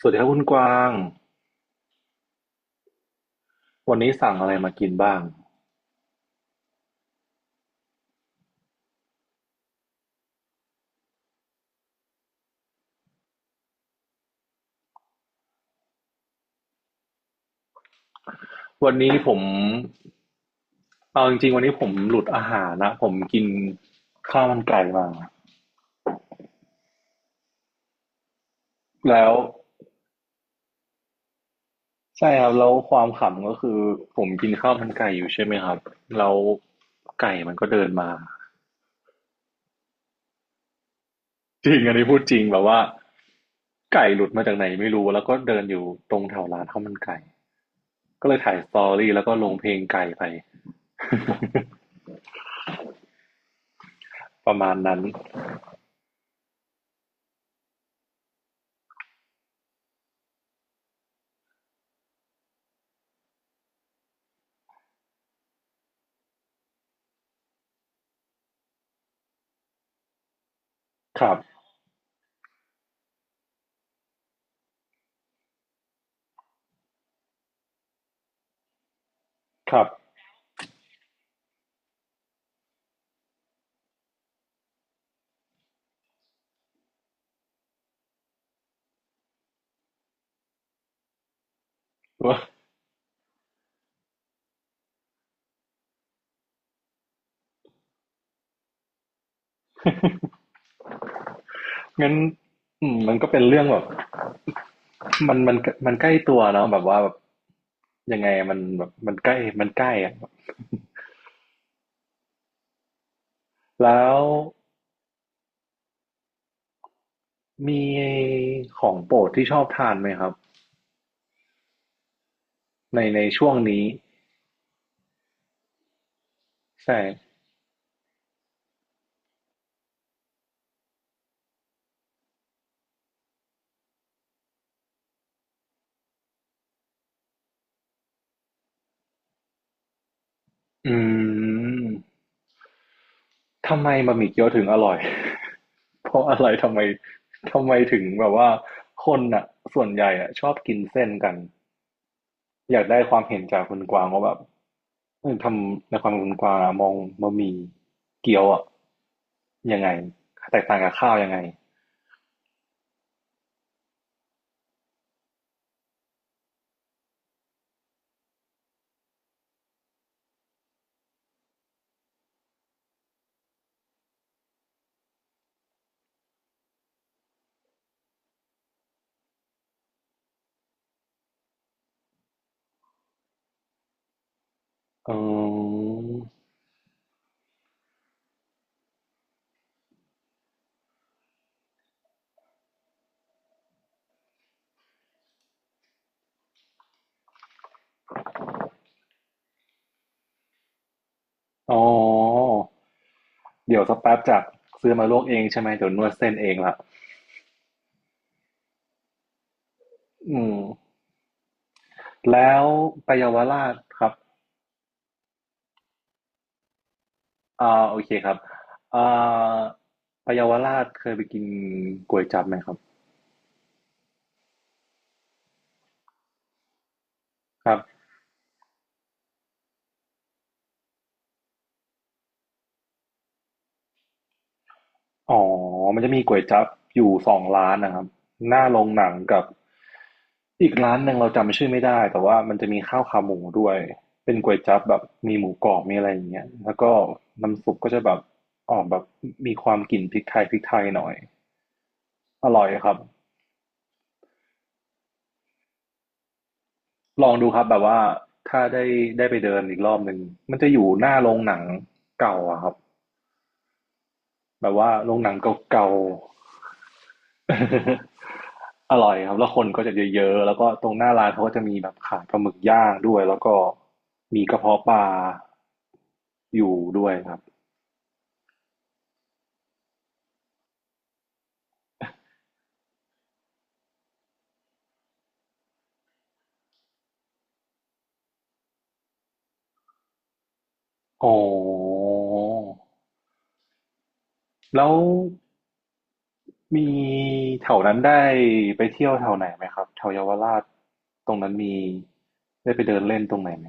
สวัสดีครับคุณกวางวันนี้สั่งอะไรมากินบ้าง วันนี้ผม เอาจริงๆวันนี้ผมหลุดอาหารนะ ผมกินข้าวมันไก่มา แล้วใช่ครับแล้วความขำก็คือผมกินข้าวมันไก่อยู่ใช่ไหมครับ แล้วไก่มันก็เดินมา จริงอันนี้พูดจริงแบบว่าไก่หลุดมาจากไหนไม่รู้ แล้วก็เดินอยู่ตรงแถวร้านข้าวมันไก่ก็เลยถ่ายสตอรี่แล้วก็ลงเพลงไก่ไปประมาณนั้นครับครับว่างั้นอืมมันก็เป็นเรื่องแบบ มันมันใกล้ตัวเนาะแบบว่าแบบยังไงมันแบบมันใกล้มันใกล้อะแล้วมีของโปรดที่ชอบทานไหมครับในช่วงนี้ใช่อืมทำไมบะหมี่เกี๊ยวถึงอร่อย เพราะอะไรทำไมถึงแบบว่าคนอ่ะส่วนใหญ่อ่ะชอบกินเส้นกัน อยากได้ความเห็นจากคุณกวางว่าแบบเออทำในความเห็นคุณกวางอะมองบะหมี่เกี๊ยวอะยังไงแตกต่างกับข้าวยังไงเอออ๋อเดี๋ยวสักแป๊บจากซื้อมาลวกเองใช่ไหมเดี๋ยวนวดเส้นเองละอืมแล้วไปเยาวราชครับอ่าโอเคครับอ่าไปเยาวราชเคยไปกินก๋วยจั๊บไหมครับครับ อ๋อมันจะมีก๋วยจั๊บอยู่สองร้านนะครับหน้าโรงหนังกับอีกร้านหนึ่งเราจำชื่อไม่ได้แต่ว่ามันจะมีข้าวขาหมูด้วยเป็นก๋วยจั๊บแบบมีหมูกรอบมีอะไรอย่างเงี้ยแล้วก็น้ำซุปก็จะแบบออกแบบมีความกลิ่นพริกไทยหน่อยอร่อยครับลองดูครับแบบว่าถ้าได้ได้ไปเดินอีกรอบหนึ่งมันจะอยู่หน้าโรงหนังเก่าอะครับแบบว่าโรงหนังเก่า อร่อยครับแล้วคนก็จะเยอะๆแล้วก็ตรงหน้าร้านเขาก็จะมีแบบขายปลาหมึกย่างด้วยแล้วก็มีกระเพาะปลาอยู่ด้วยครับอ๋อแล้วมีแถวนั้นได้ไปเที่ยวแถวไหนไหมครับแถวเยาวราชตรงนั้นมีได้ไปเดินเล่นตรงไหนไหม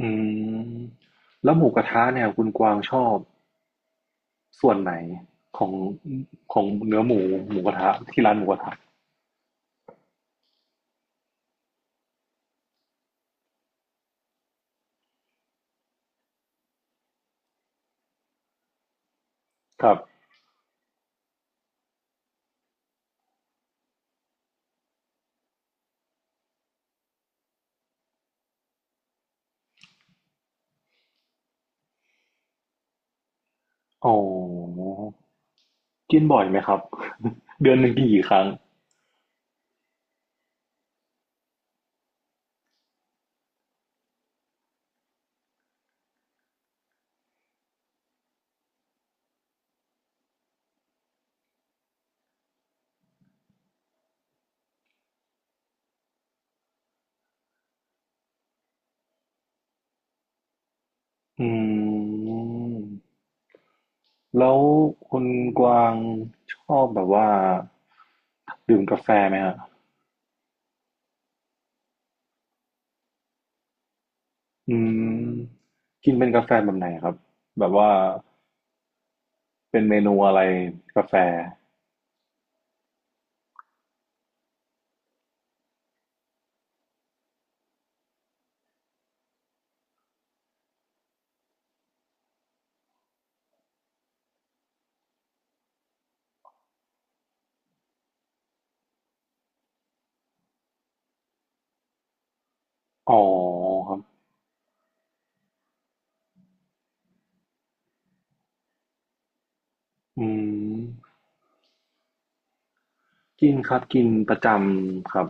อืมแล้วหมูกระทะเนี่ยคุณกวางชอบส่วนไหนของของเนื้อหมูหมูกระทะที่ร้านหมูกระทะครับ อ๋อกินบ่อยไหมครับ เดือนหนึ่งกินกี่ครั้งอืมแล้วคุณกวางชอบแบบว่าดื่มกาแฟไหมฮะอืมกินเป็นกาแฟแบบไหนครับแบบว่าเป็นเมนูอะไรกาแฟอ๋อครับอืมกินครับกินประจำครับ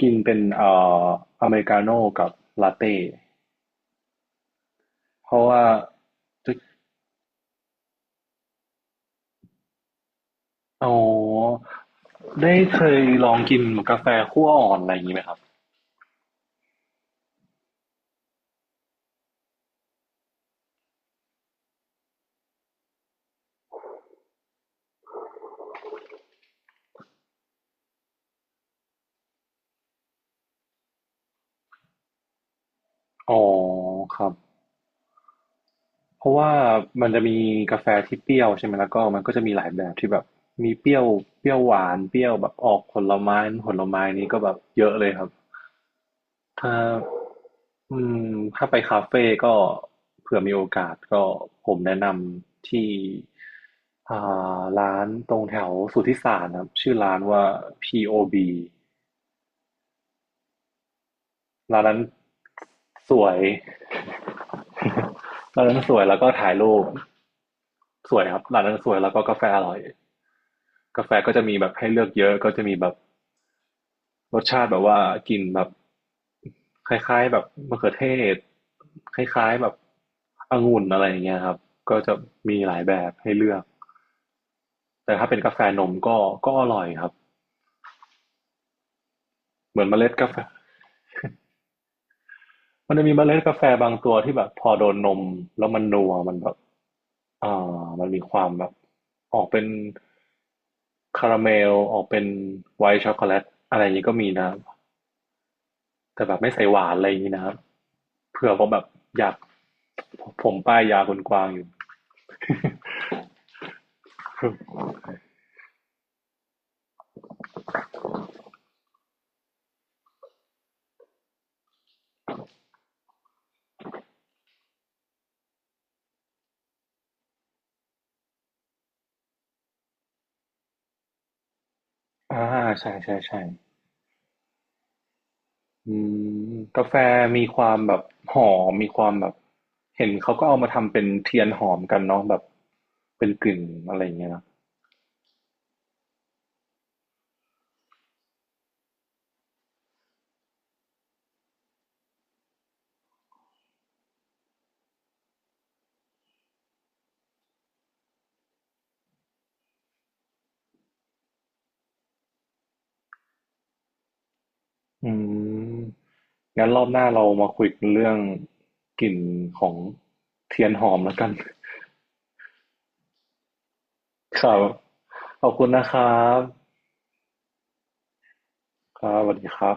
กินเป็นออเมริกาโน่กับลาเต้เพราะว่า อ๋อได้เคยลองกินกาแฟคั่วอ่อนอะไรอย่างงี้ไหมครับอ๋อครับเพราะว่ามันจะมีกาแฟที่เปรี้ยวใช่ไหมแล้วก็มันก็จะมีหลายแบบที่แบบมีเปรี้ยวเปรี้ยวหวานเปรี้ยวแบบออกผลไม้ผลไม้นี้ก็แบบเยอะเลยครับถ้าอืมถ้าไปคาเฟ่ก็เผื่อมีโอกาสก็ผมแนะนำที่อ่ร้านตรงแถวสุทธิสารครับชื่อร้านว่า POB ร้านนั้นสวย ร้านนั้นสวยแล้วก็ถ่ายรูปสวยครับร้านนั้นสวยแล้วก็กาแฟอร่อยกาแฟก็จะมีแบบให้เลือกเยอะก็จะมีแบบรสชาติแบบว่ากลินแบบคล้ายๆแบบมะเขือเทศคล้ายๆแบบองุ่นอะไรอย่างเงี้ยครับก็จะมีหลายแบบให้เลือกแต่ถ้าเป็นกาแฟนมก็ก็อร่อยครับเหมือนเมล็ดกาแฟ มันจะมีเมล็ดกาแฟบางตัวที่แบบพอโดนนมแล้วมันนัวมันแบบมันมีความแบบออกเป็นคาราเมลออกเป็นไวท์ช็อกโกแลตอะไรอย่างนี้ก็มีนะครับแต่แบบไม่ใส่หวานอะไรอย่างนี้นะครับเผื่อว่าแบบอยากผมป้ายยาคนกวางอยู่ อ่าใช่ใช่ใช่อืมกาแฟมีความแบบหอมมีความแบบเห็นเขาก็เอามาทำเป็นเทียนหอมกันเนาะแบบเป็นกลิ่นอะไรอย่างเงี้ยนะ อืมงั้นรอบหน้าเรามาคุยกันเรื่องกลิ่นของเทียนหอมแล้วกันครับขอบคุณนะครับครับสวัสดีครับ